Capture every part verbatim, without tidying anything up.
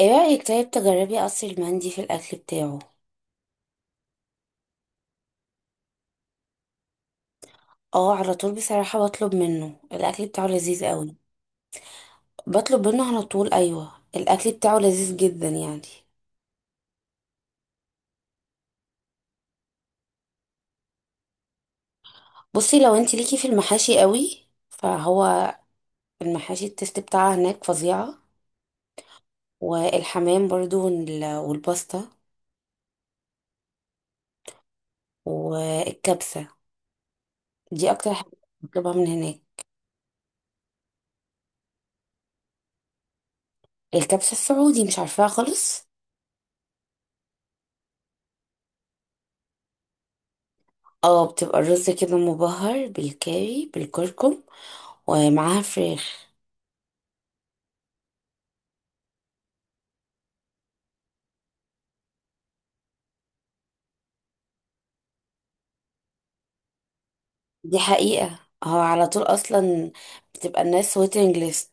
ايه رأيك طيب تجربي قصر المندي في الأكل بتاعه؟ اه، على طول. بصراحة بطلب منه، الأكل بتاعه لذيذ قوي. بطلب منه على طول، أيوة، الأكل بتاعه لذيذ جدا يعني. بصي، لو انت ليكي في المحاشي قوي فهو المحاشي، التست بتاعها هناك فظيعة. والحمام برضو، وال- والباستا. والكبسة دي أكتر حاجة بطلبها من هناك. الكبسة السعودي مش عارفاها خالص. اه، بتبقى الرز كده مبهر بالكاري، بالكركم، ومعاها فراخ. دي حقيقة. هو على طول اصلا بتبقى الناس ويتنج ليست.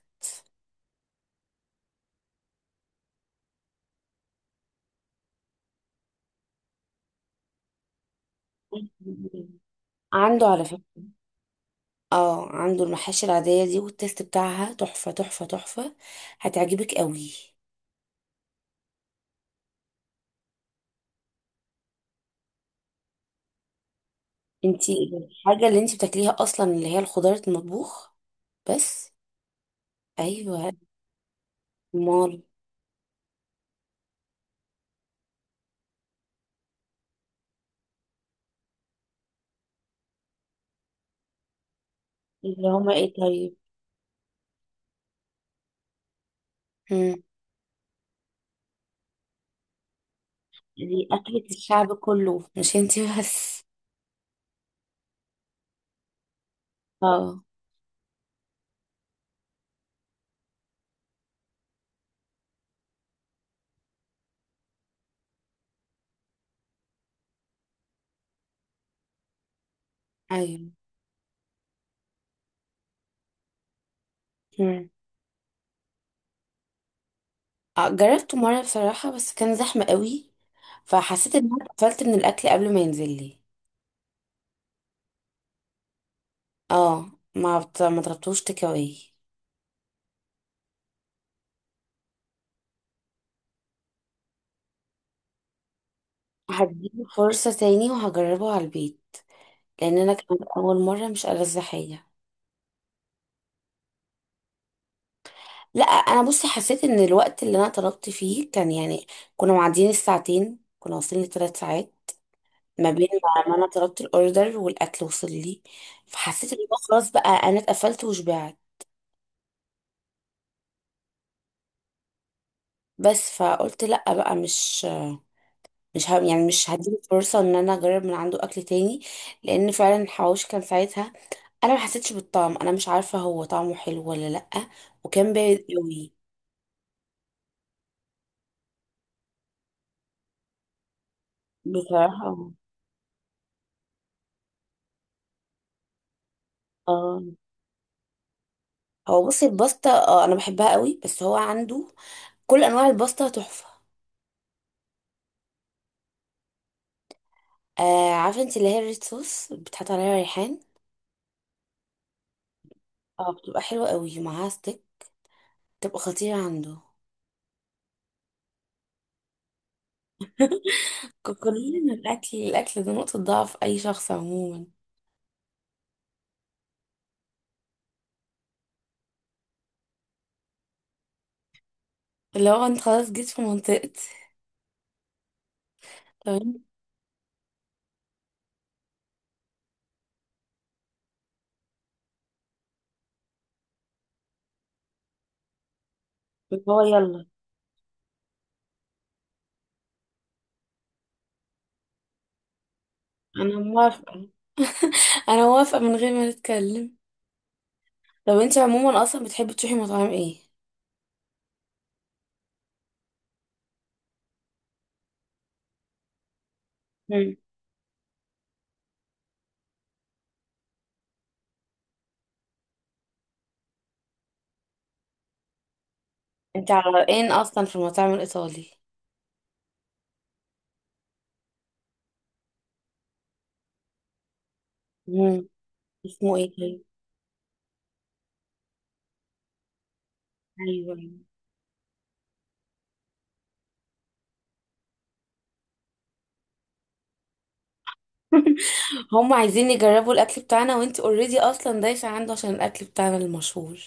عنده على فكرة، اه عنده المحاشي العادية دي والتيست بتاعها تحفة تحفة تحفة. هتعجبك قوي. انتي الحاجة اللي انتي بتاكليها اصلا اللي هي الخضار المطبوخ بس. ايوه. مال؟ اللي هما ايه طيب؟ مم. دي اكلة الشعب كله، مش انتي بس. اه. ايوه. آه، جربته مرة بصراحة، بس كان زحمة قوي. فحسيت ان انا اتقفلت من الاكل قبل ما ينزل لي. اه، ما بت... ما طلبتوش تيك اواي. هديله فرصة تاني وهجربه على البيت، لان انا كان اول مرة مش ألذ حاجة. لا، انا بصي حسيت ان الوقت اللي انا طلبت فيه كان يعني، كنا معديين الساعتين، كنا واصلين لثلاث ساعات ما بين ما ما انا طلبت الاوردر والاكل وصل لي. فحسيت ان هو خلاص بقى انا اتقفلت وشبعت. بس فقلت لا بقى، مش مش ه... يعني مش هديله فرصة ان انا اجرب من عنده اكل تاني. لان فعلا الحواوشي كان ساعتها انا ما حسيتش بالطعم، انا مش عارفة هو طعمه حلو ولا لأ، وكان بارد قوي. بصراحة. اه، هو بصي الباستا، اه انا بحبها قوي، بس هو عنده كل انواع الباستا تحفة. آه، عارفة انت اللي هي الريد صوص بتحط عليها ريحان. اه، بتبقى حلوة قوي ومعاها ستيك. بتبقى خطيرة عنده. ك- كلنا الاكل الاكل ده نقطة ضعف اي شخص عموما. اللي هو انت خلاص جيت في منطقتي. هو يلا. انا موافقة، انا موافقة من غير ما نتكلم. طب انت عموما اصلا بتحبي تروحي مطاعم ايه؟ مم. انت على رأيين اصلا في المطاعم الايطالي. مم. اسمه ايه طيب؟ ايوه، أيوة. هم عايزين يجربوا الاكل بتاعنا، وانت اوريدي اصلا دايسة عنده عشان الاكل بتاعنا المشهور.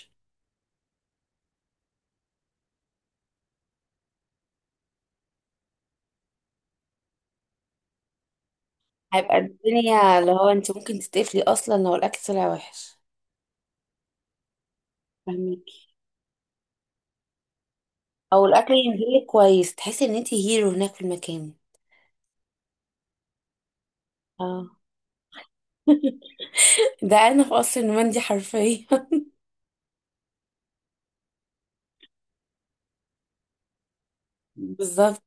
هيبقى الدنيا اللي هو انت ممكن تتقفلي اصلا لو الاكل طلع وحش. فهميكي. او الاكل ينزلك كويس، تحسي ان انت هيرو هناك في المكان. اه. ده انا في قصر النومندي حرفيا. بالظبط.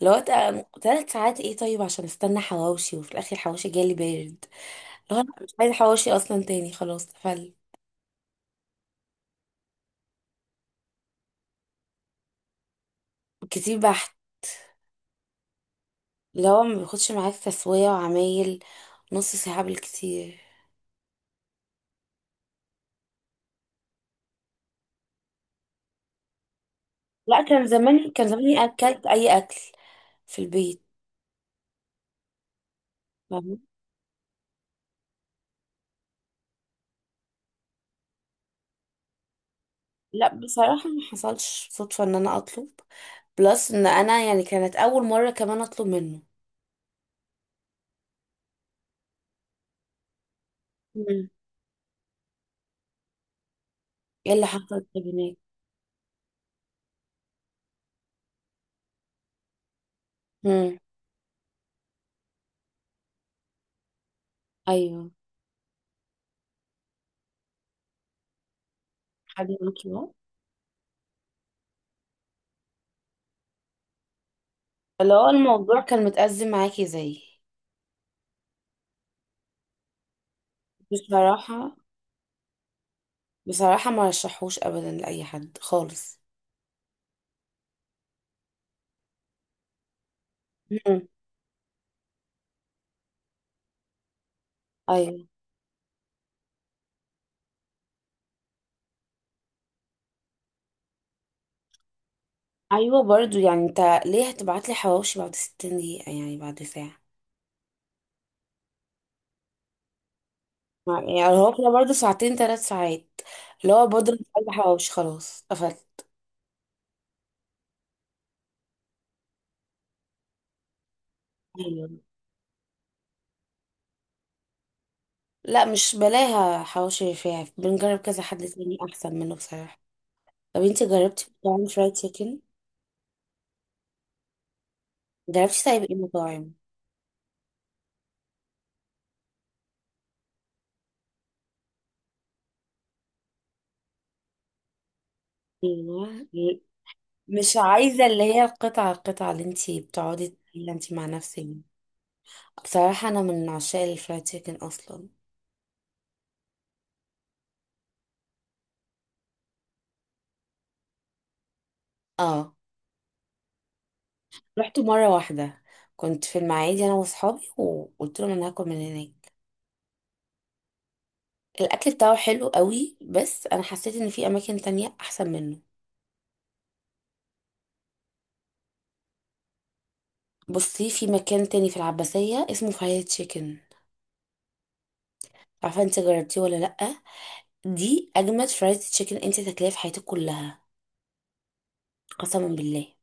لو ثلاث ساعات ايه طيب عشان استنى حواوشي، وفي الاخر حواوشي جالي بارد. لو انا مش عايزه حواوشي اصلا تاني، خلاص فل. كتير بحت. لو ما بياخدش معاك تسويه وعمايل نص ساعه بالكتير. لا، كان زماني كان زماني اكلت اي اكل في البيت. فاهمة؟ لا، بصراحه ما حصلش صدفه ان انا اطلب، بلس ان انا يعني كانت اول مره كمان اطلب منه. مم. ايه اللي حصل طب هناك؟ مم. ايوه. حد معاكي بقى؟ اللي هو الموضوع كان متأزم معاكي زيي. بصراحة بصراحة ما رشحوش ابدا لاي حد خالص. مم. ايوه. ايوه، برضو يعني انت ليه هتبعت لي حواوشي بعد 60 دقيقة، يعني بعد ساعة؟ ما- يعني هو كده برضو، ساعتين ثلاث ساعات. اللي هو بودر عايزة حواوشي، خلاص قفلت. ايوه. لا، مش بلاها حواوشي رفاعي، بنجرب كذا حد تاني احسن منه بصراحة. طب انت جربتي مطاعم فرايد تشيكن؟ جربتي طيب ايه مطاعم؟ ايوه. مش عايزة اللي هي القطعة القطعة اللي انت بتقعدي تاكليها انت مع نفسك. بصراحة أنا من عشاق الفرايد تشيكن أصلا. اه، رحت مرة واحدة، كنت في المعادي أنا وأصحابي وقلت لهم أنا هاكل من هناك. الأكل بتاعه حلو قوي، بس أنا حسيت إن في أماكن تانية أحسن منه. بصي، في مكان تاني في العباسية اسمه فرايد تشيكن. عارفة انت جربتيه ولا لأ؟ دي أجمد فرايد تشيكن انت تاكليها في حياتك كلها. قسما بالله.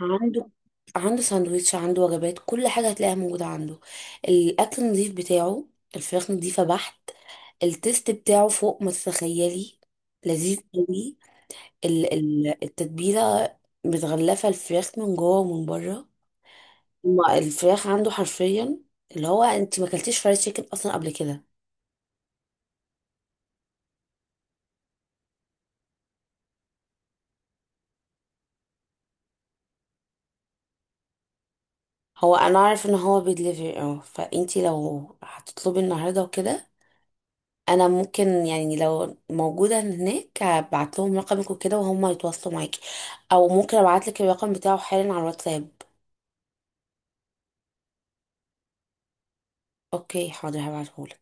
عنده عنده ساندويتش، عنده وجبات، كل حاجة هتلاقيها موجودة عنده. الأكل نظيف بتاعه. الفراخ نظيفة بحت. التيست بتاعه فوق ما تتخيلي. لذيذ قوي. ال- ال- التتبيله متغلفه الفراخ من جوه ومن بره. ما الفراخ عنده حرفيا اللي هو، انت ما اكلتيش فرايد تشيكن اصلا قبل كده؟ هو انا عارف ان هو بيدليفري، اه، فانت لو هتطلبي النهارده وكده، انا ممكن يعني لو موجوده هناك ابعت لهم رقمك وكده وهم يتواصلوا معاكي، او ممكن ابعت لك الرقم بتاعه حالا على الواتساب. اوكي حاضر هبعتهولك.